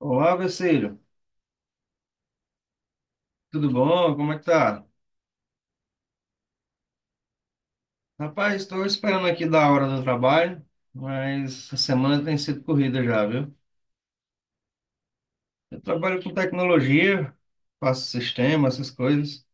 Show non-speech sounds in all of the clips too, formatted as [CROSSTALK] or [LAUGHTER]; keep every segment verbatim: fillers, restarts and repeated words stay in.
Olá, Vecílio. Tudo bom? Como é que tá? Rapaz, estou esperando aqui da hora do trabalho, mas a semana tem sido corrida já, viu? Eu trabalho com tecnologia, faço sistema, essas coisas.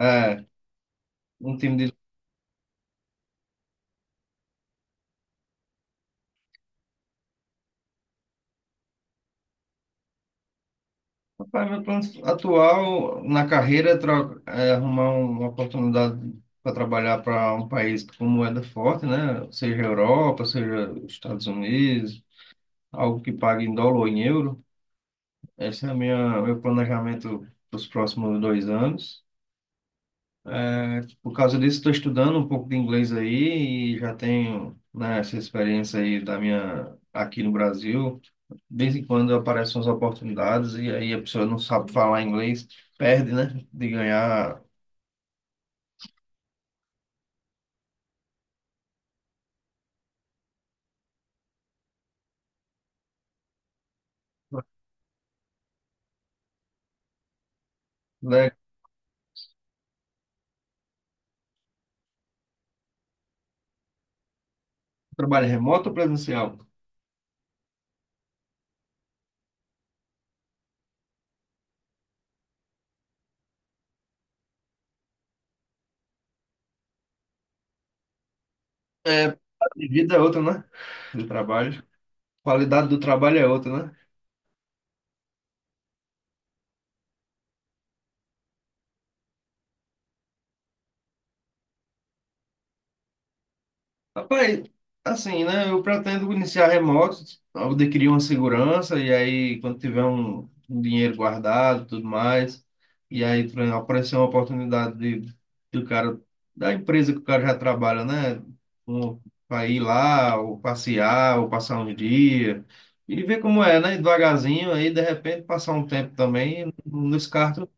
É, um time de... Rapaz, meu plano atual na carreira é, tro- é arrumar uma oportunidade para trabalhar para um país com moeda forte, né? Seja Europa, seja Estados Unidos, algo que pague em dólar ou em euro. Esse é o minha- meu planejamento para os próximos dois anos. É, por causa disso, estou estudando um pouco de inglês aí e já tenho, né, essa experiência aí da minha aqui no Brasil. De vez em quando aparecem as oportunidades e aí a pessoa não sabe falar inglês, perde, né, de ganhar, né, trabalho remoto ou presencial. É, a vida é outra, né, do trabalho. Qualidade do trabalho é outra, né. Rapaz, assim, né? Eu pretendo iniciar remoto, eu adquirir uma segurança, e aí, quando tiver um, um dinheiro guardado tudo mais, e aí por exemplo, aparecer uma oportunidade de, do cara, da empresa que o cara já trabalha, né? Um, para ir lá, ou passear, ou passar um dia, e ver como é, né? Devagarzinho, aí de repente passar um tempo também, não descarto.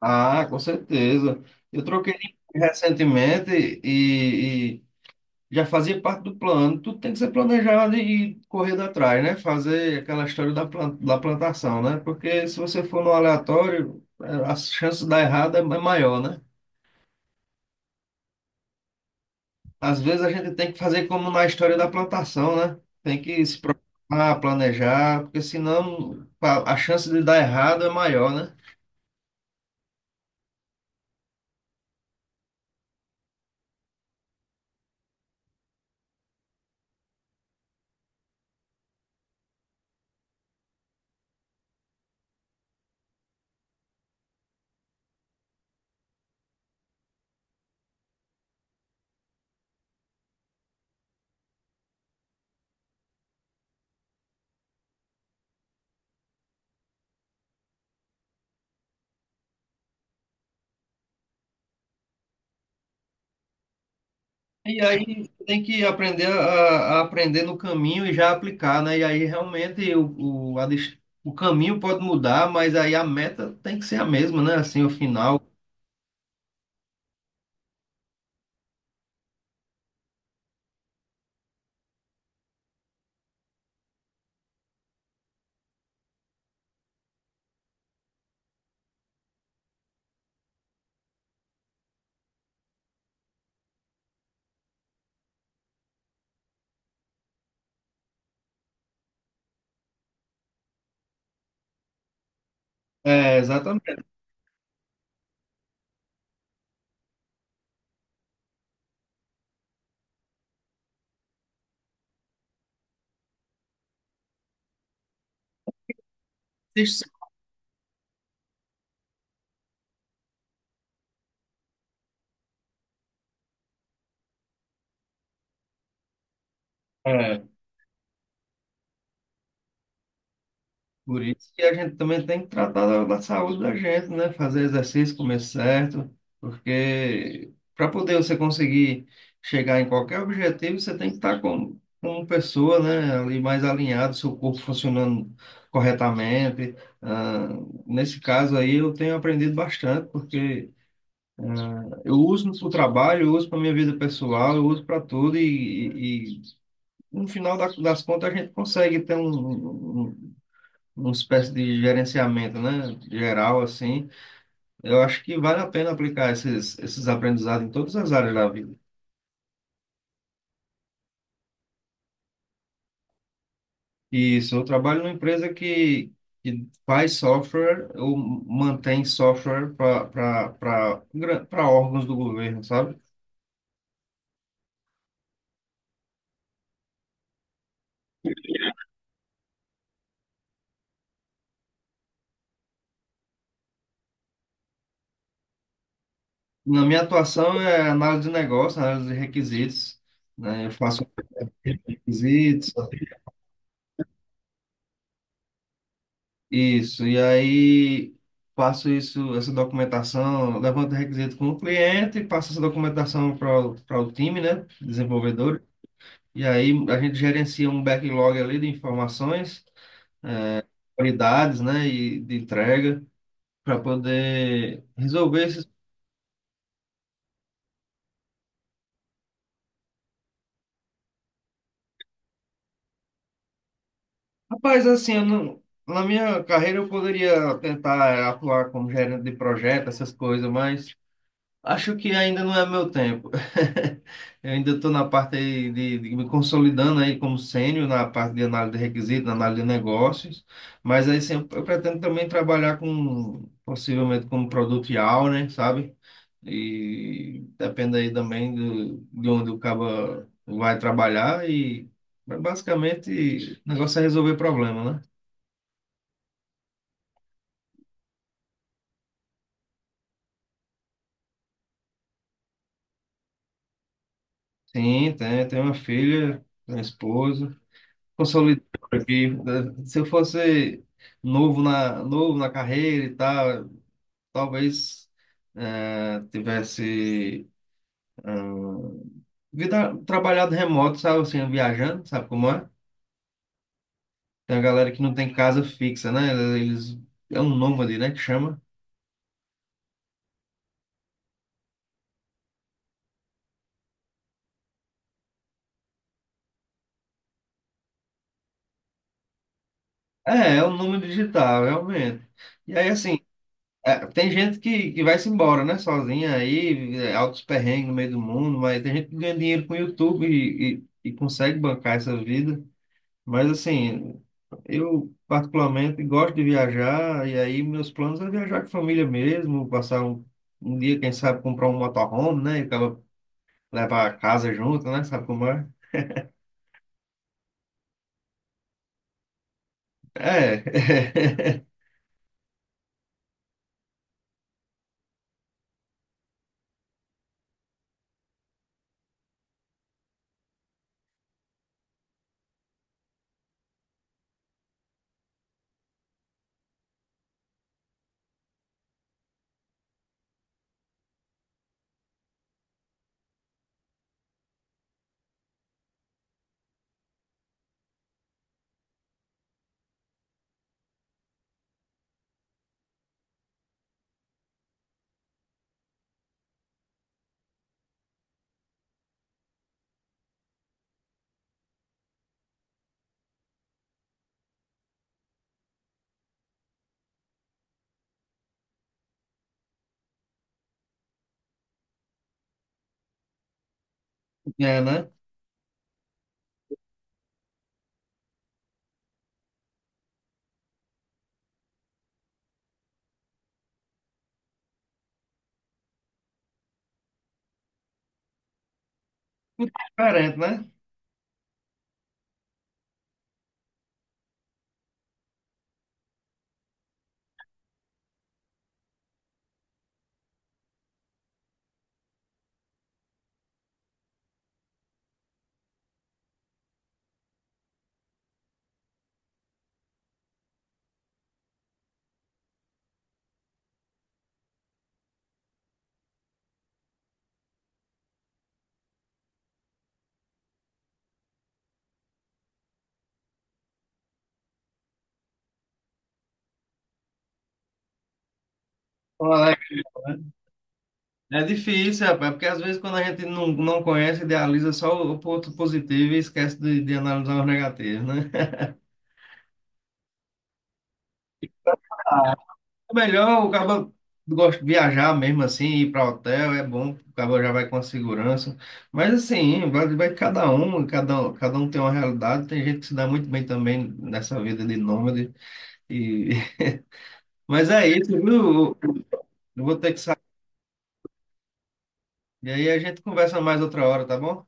Ah, com certeza. Eu troquei recentemente e já fazia parte do plano. Tudo tem que ser planejado e correr atrás, né? Fazer aquela história da, plan- da plantação, né? Porque se você for no aleatório, eh, as chances de dar errado é ma- maior, né? Às vezes a gente tem que fazer como na história da plantação, né? Tem que se preocupar, planejar, porque senão a a chance de dar errado é maior, né? E aí você tem que aprender a, a aprender no caminho e já aplicar, né? E aí realmente o, o, a dest- o caminho pode mudar, mas aí a meta tem que ser a mesma, né? Assim, o final. É, exatamente. Por isso que a gente também tem que tratar da, da saúde da gente, né? Fazer exercício, comer certo, porque para poder você conseguir chegar em qualquer objetivo, você tem que estar como, como pessoa, né? Ali mais alinhado, seu corpo funcionando corretamente. Ah, nesse caso aí, eu tenho aprendido bastante, porque eu uso para o trabalho, eu uso para minha vida pessoal, eu uso para tudo e, e- e no final da- das contas a gente consegue ter um, um, uma espécie de gerenciamento, né, geral, assim, eu acho que vale a pena aplicar esses, esses aprendizados em todas as áreas da vida. Isso, eu trabalho numa empresa que, que faz software ou mantém software para órgãos do governo, sabe? Na minha atuação é análise de negócio, análise de requisitos, né, eu faço requisitos. Isso, e aí passo isso, essa documentação, levanto o requisito com o cliente, passo essa documentação para o para o time, né, desenvolvedor, e aí a gente gerencia um backlog ali de informações, qualidades, né, e de entrega, para poder resolver esses... Rapaz, assim, eu não, na minha carreira eu poderia tentar atuar como gerente de projeto, essas coisas, mas... Acho que ainda não é meu tempo. [LAUGHS] Eu ainda estou na parte aí de, de me consolidando aí como sênior na parte de análise de requisitos, na análise de negócios, mas aí sim, eu pretendo também trabalhar com, possivelmente como produtial, né, sabe? E depende aí também do, de onde o cabo vai trabalhar e mas basicamente o negócio é resolver problema, né? Sim, tem, tem uma filha, tenho uma esposa. Consolidado aqui, né? Se eu fosse novo na, novo na carreira e tal, talvez eh, tivesse vida, trabalhado remoto, sabe, assim, viajando, sabe como é? Tem a galera que não tem casa fixa, né? Eles, é um nômade, né, que chama. É, é um nômade digital, realmente. E aí, assim, eh, tem gente que, que vai-se embora, né, sozinha aí, eh, altos perrengues no meio do mundo, mas tem gente que ganha dinheiro com o YouTube e, e e consegue bancar essa vida. Mas assim, eu particularmente gosto de viajar, e aí meus planos é viajar com a família mesmo, passar um, um dia, quem sabe, comprar um motorhome, né? E acaba levar a casa junto, né? Sabe como é? É, [LAUGHS] é, né? Muito diferente, né? Olha, é difícil, rapaz, porque às vezes quando a gente não, não conhece, idealiza só o ponto positivo e esquece de, de analisar os negativos, né? É melhor o cara gosta de viajar mesmo assim, ir para hotel, é bom, o cara já vai com a segurança. Mas assim, vai, vai cada um, cada, um- cada um tem uma realidade, tem gente que se dá muito bem também nessa vida de nômade. E... [LAUGHS] Mas é isso, viu? Eu vou ter que sair. E aí a gente conversa mais outra hora, tá bom?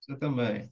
Você também.